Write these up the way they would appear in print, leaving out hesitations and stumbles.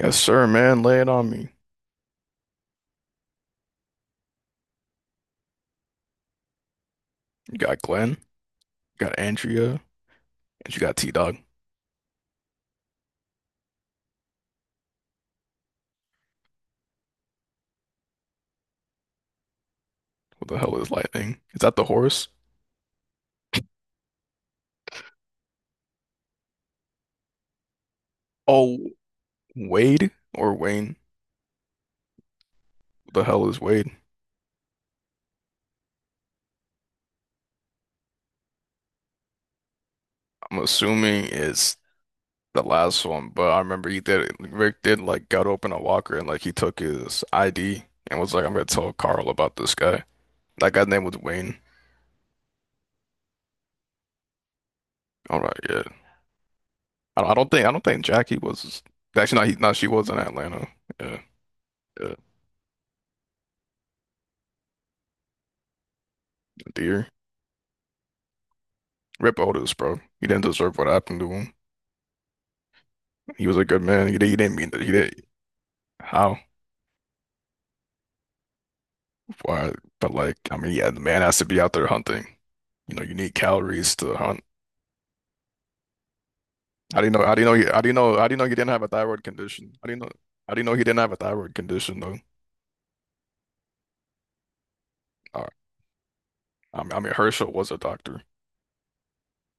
Yes, sir, man. Lay it on me. You got Glenn, you got Andrea, and you got T-Dog. What the hell is Lightning? Is that the horse? Oh, Wade or Wayne? What the hell is Wade? I'm assuming it's the last one, but I remember he did Rick did like got open a locker and like he took his ID and was like, I'm gonna tell Carl about this guy. That guy's name was Wayne. All right, yeah. I don't think Jackie was actually not, she was in Atlanta. Yeah, yeah. Dear. Rip Otis, bro. He didn't deserve what happened to him. He was a good man. He didn't mean that. He did. How? Why? But like, I mean, yeah, the man has to be out there hunting. You know, you need calories to hunt. How do you know? How do you know? How do you know he didn't have a thyroid condition? How do you know? How do you know he didn't have a thyroid condition though? Uh, I mean, Herschel was a doctor.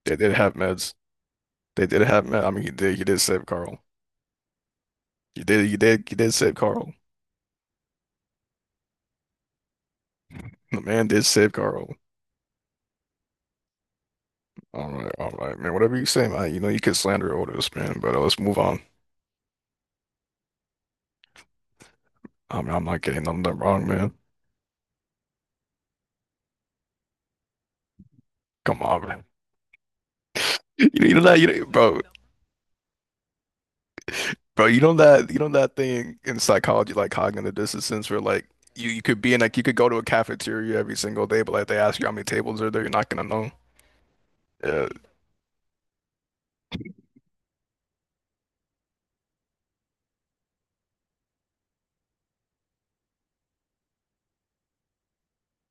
They did have meds. They did have meds. I mean, he did. He did save Carl. He did. He did. He did save Carl. The man did save Carl. All right, man. Whatever you say, man. You know you can slander Otis, man. But let's move on. I mean, I'm not getting nothing wrong, man. Come on, man. You know that, you know, bro, bro. You know that, that thing in psychology, like cognitive dissonance, where like you could be in like you could go to a cafeteria every single day, but like they ask you how many tables are there, you're not gonna know. Yeah,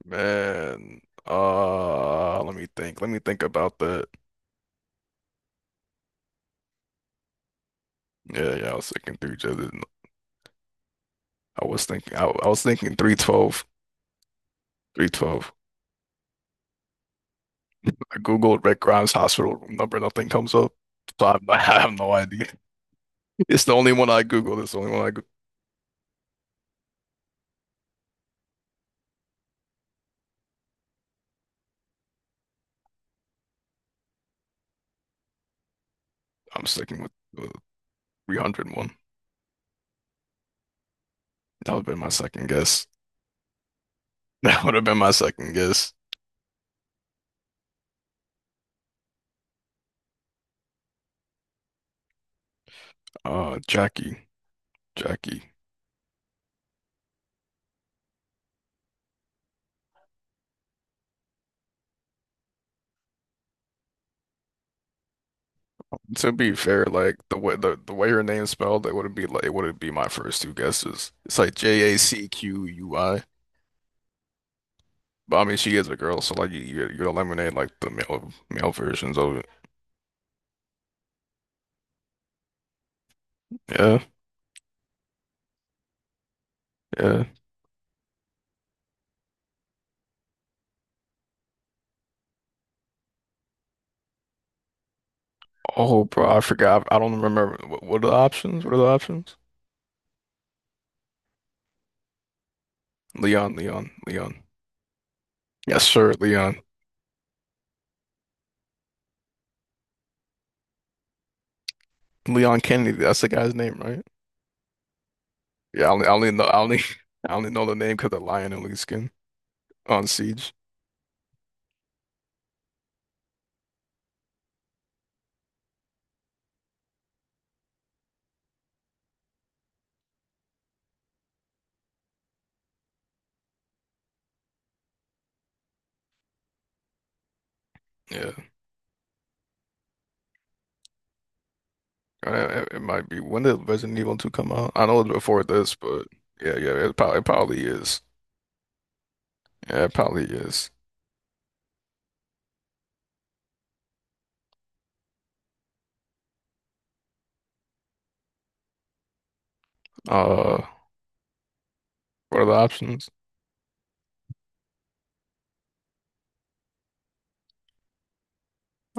man. Let me think. Let me think about that. Yeah, yeah. I was thinking three. I was thinking. I was thinking 312. 312. I googled Rick Grimes hospital room number. Nothing comes up. So I have, no, I have no idea. It's the only one I googled. It's the only one I I'm sticking with the 300. That would have been my second guess. That would have been my second guess. Jackie, Jackie. To be fair, like the way her name's spelled, it wouldn't be like it wouldn't be my first two guesses. It's like Jacqui. But I mean, she is a girl, so like you you eliminate like the male versions of it. Yeah, yeah. Oh, bro, I forgot. I don't remember. What are the options? What are the options? Leon, Leon, Leon. Yes, sir, Leon. Leon Kennedy. That's the guy's name, right? I only I only know the name because the lion and Li's Skin on Siege. Yeah, it, it might be. When did Resident Evil 2 come out? I know it's before this, but yeah, yeah, it probably is. Yeah, it probably is. Uh, what are the options?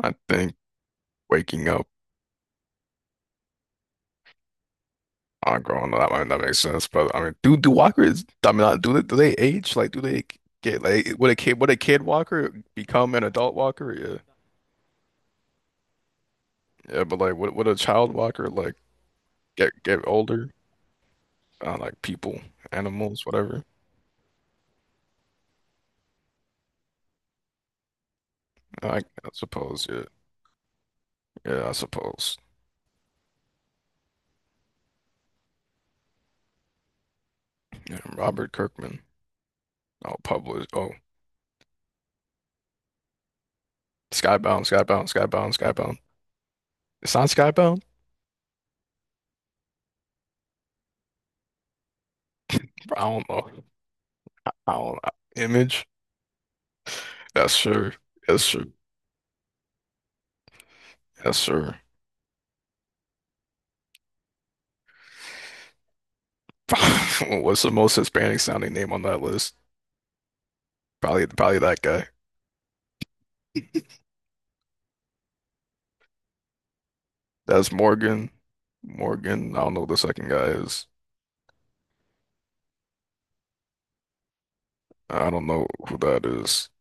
I think waking up. Oh, girl, no, that might not make sense, but I mean, do walkers? I mean, do they age? Like, do they get like would a kid walker become an adult walker? Yeah, yeah, but like, would a child walker like get older? Like people, animals, whatever. I suppose, yeah, yeah, I suppose. Yeah, Robert Kirkman. Oh, publish. Oh, Skybound, Skybound, Skybound, Skybound. It's not Skybound. I don't know. I don't. Image. That's sure. That's sure. That's sure. What's the most Hispanic sounding name on that list? Probably, probably that guy. That's Morgan. Morgan. I don't know who the second guy is. I don't know who that is.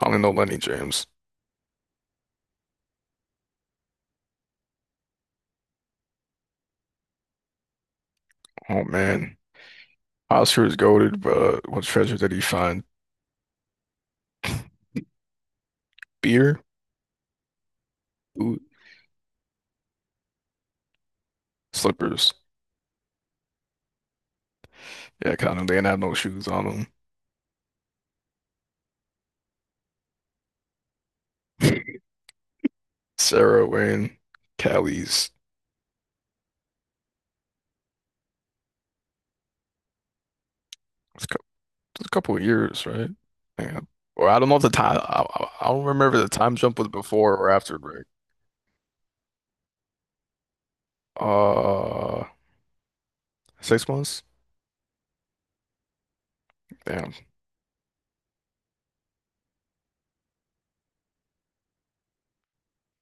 I only know Lenny James. Oh man. Oscar is goaded, but what treasure did he find? Beer, ooh, slippers. Yeah, kind of. They didn't have no shoes on them. Sarah Wayne, Callie's. It's a cou- it's a couple of years, right? Yeah. Or I don't know if the time. I don't remember the time jump was before or after break. Uh, 6 months. Damn.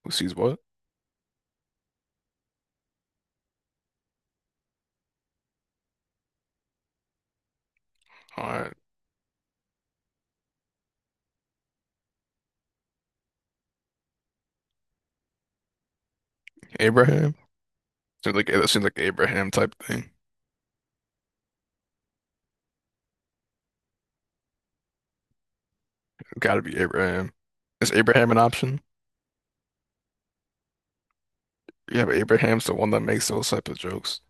Who sees what? All right. Abraham. Seems like it seems like Abraham type thing. It's gotta be Abraham. Is Abraham an option? Yeah, but Abraham's the one that makes those type of jokes.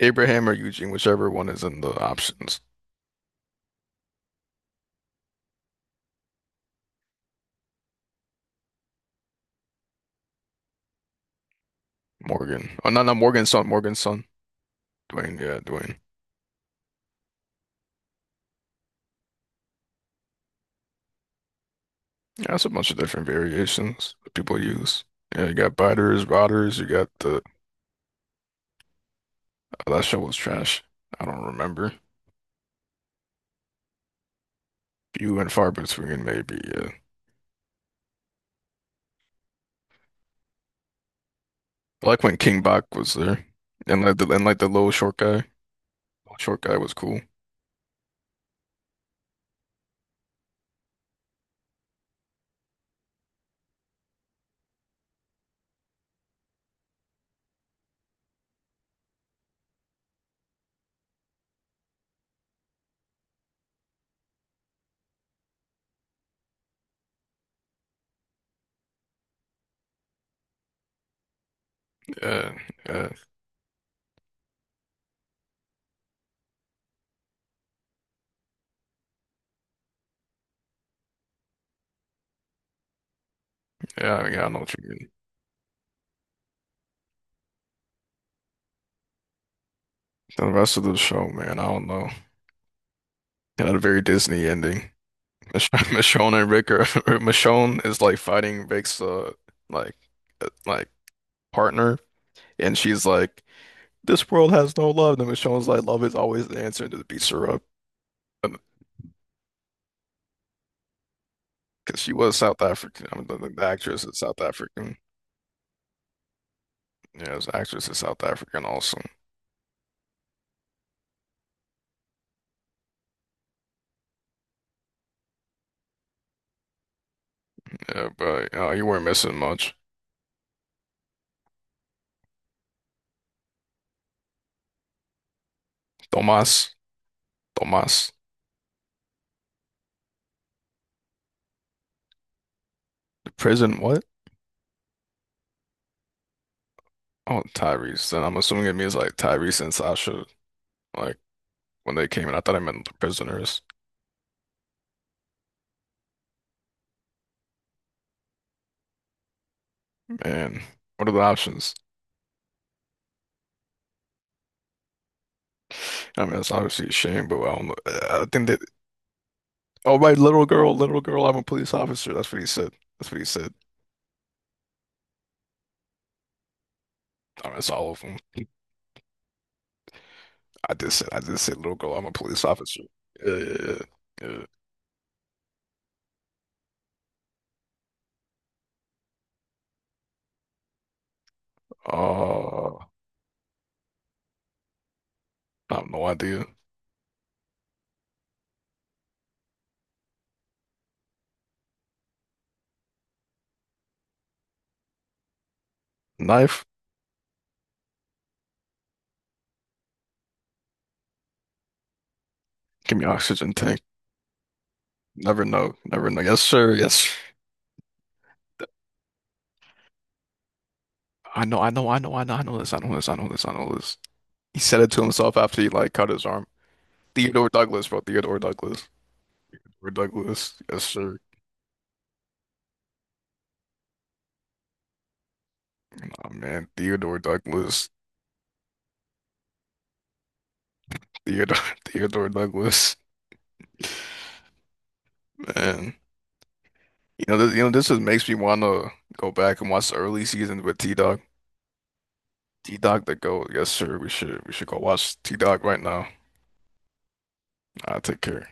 Abraham or Eugene, whichever one is in the options. Morgan. Oh, no, not Morgan's son. Morgan's son. Dwayne. Yeah, Dwayne. Yeah, that's a bunch of different variations that people use. Yeah, you got biters, rotters. You got the. Oh, that show was trash. I don't remember. Few and far between, maybe. Yeah. I like when King Bach was there, and like the little short guy. Short guy was cool. Yeah, yeah, yeah. Yeah, I know what you mean. The rest of the show, man, I don't know. It had a very Disney ending. Mich- Michonne and Rick are Michonne is like fighting Rick's like like partner and she's like this world has no love and Michonne's like love is always the answer and just beats her up because she was South African. I mean, the actress is South African. Yeah, the actress is South African also. Yeah, but you weren't missing much. Tomas. Tomas. The prison what? Oh, Tyrese then. I'm assuming it means like Tyrese and Sasha, like when they came in. I thought I meant the prisoners. Man, what are the options? I mean, it's obviously a shame, but I don't know. Oh, right, little girl, I'm a police officer. That's what he said. That's what he said. I mean, it's all of them. I did say, little girl, I'm a police officer. Yeah, yeah, yeah. Yeah. Uh, I have no idea. Knife, give me oxygen tank. Never know, never know. Yes, sir. Yes. I know this, I know this. He said it to himself after he like cut his arm. Theodore Douglas, bro, Theodore Douglas. Theodore Douglas, yes, sir. Nah, man, Theodore Douglas. Theodore, Theodore Douglas, man. You know, this, this just makes me want to go back and watch the early seasons with T-Dog. T-Dog the GOAT. Yes, sir. We should go watch T-Dog right now. I'll take care.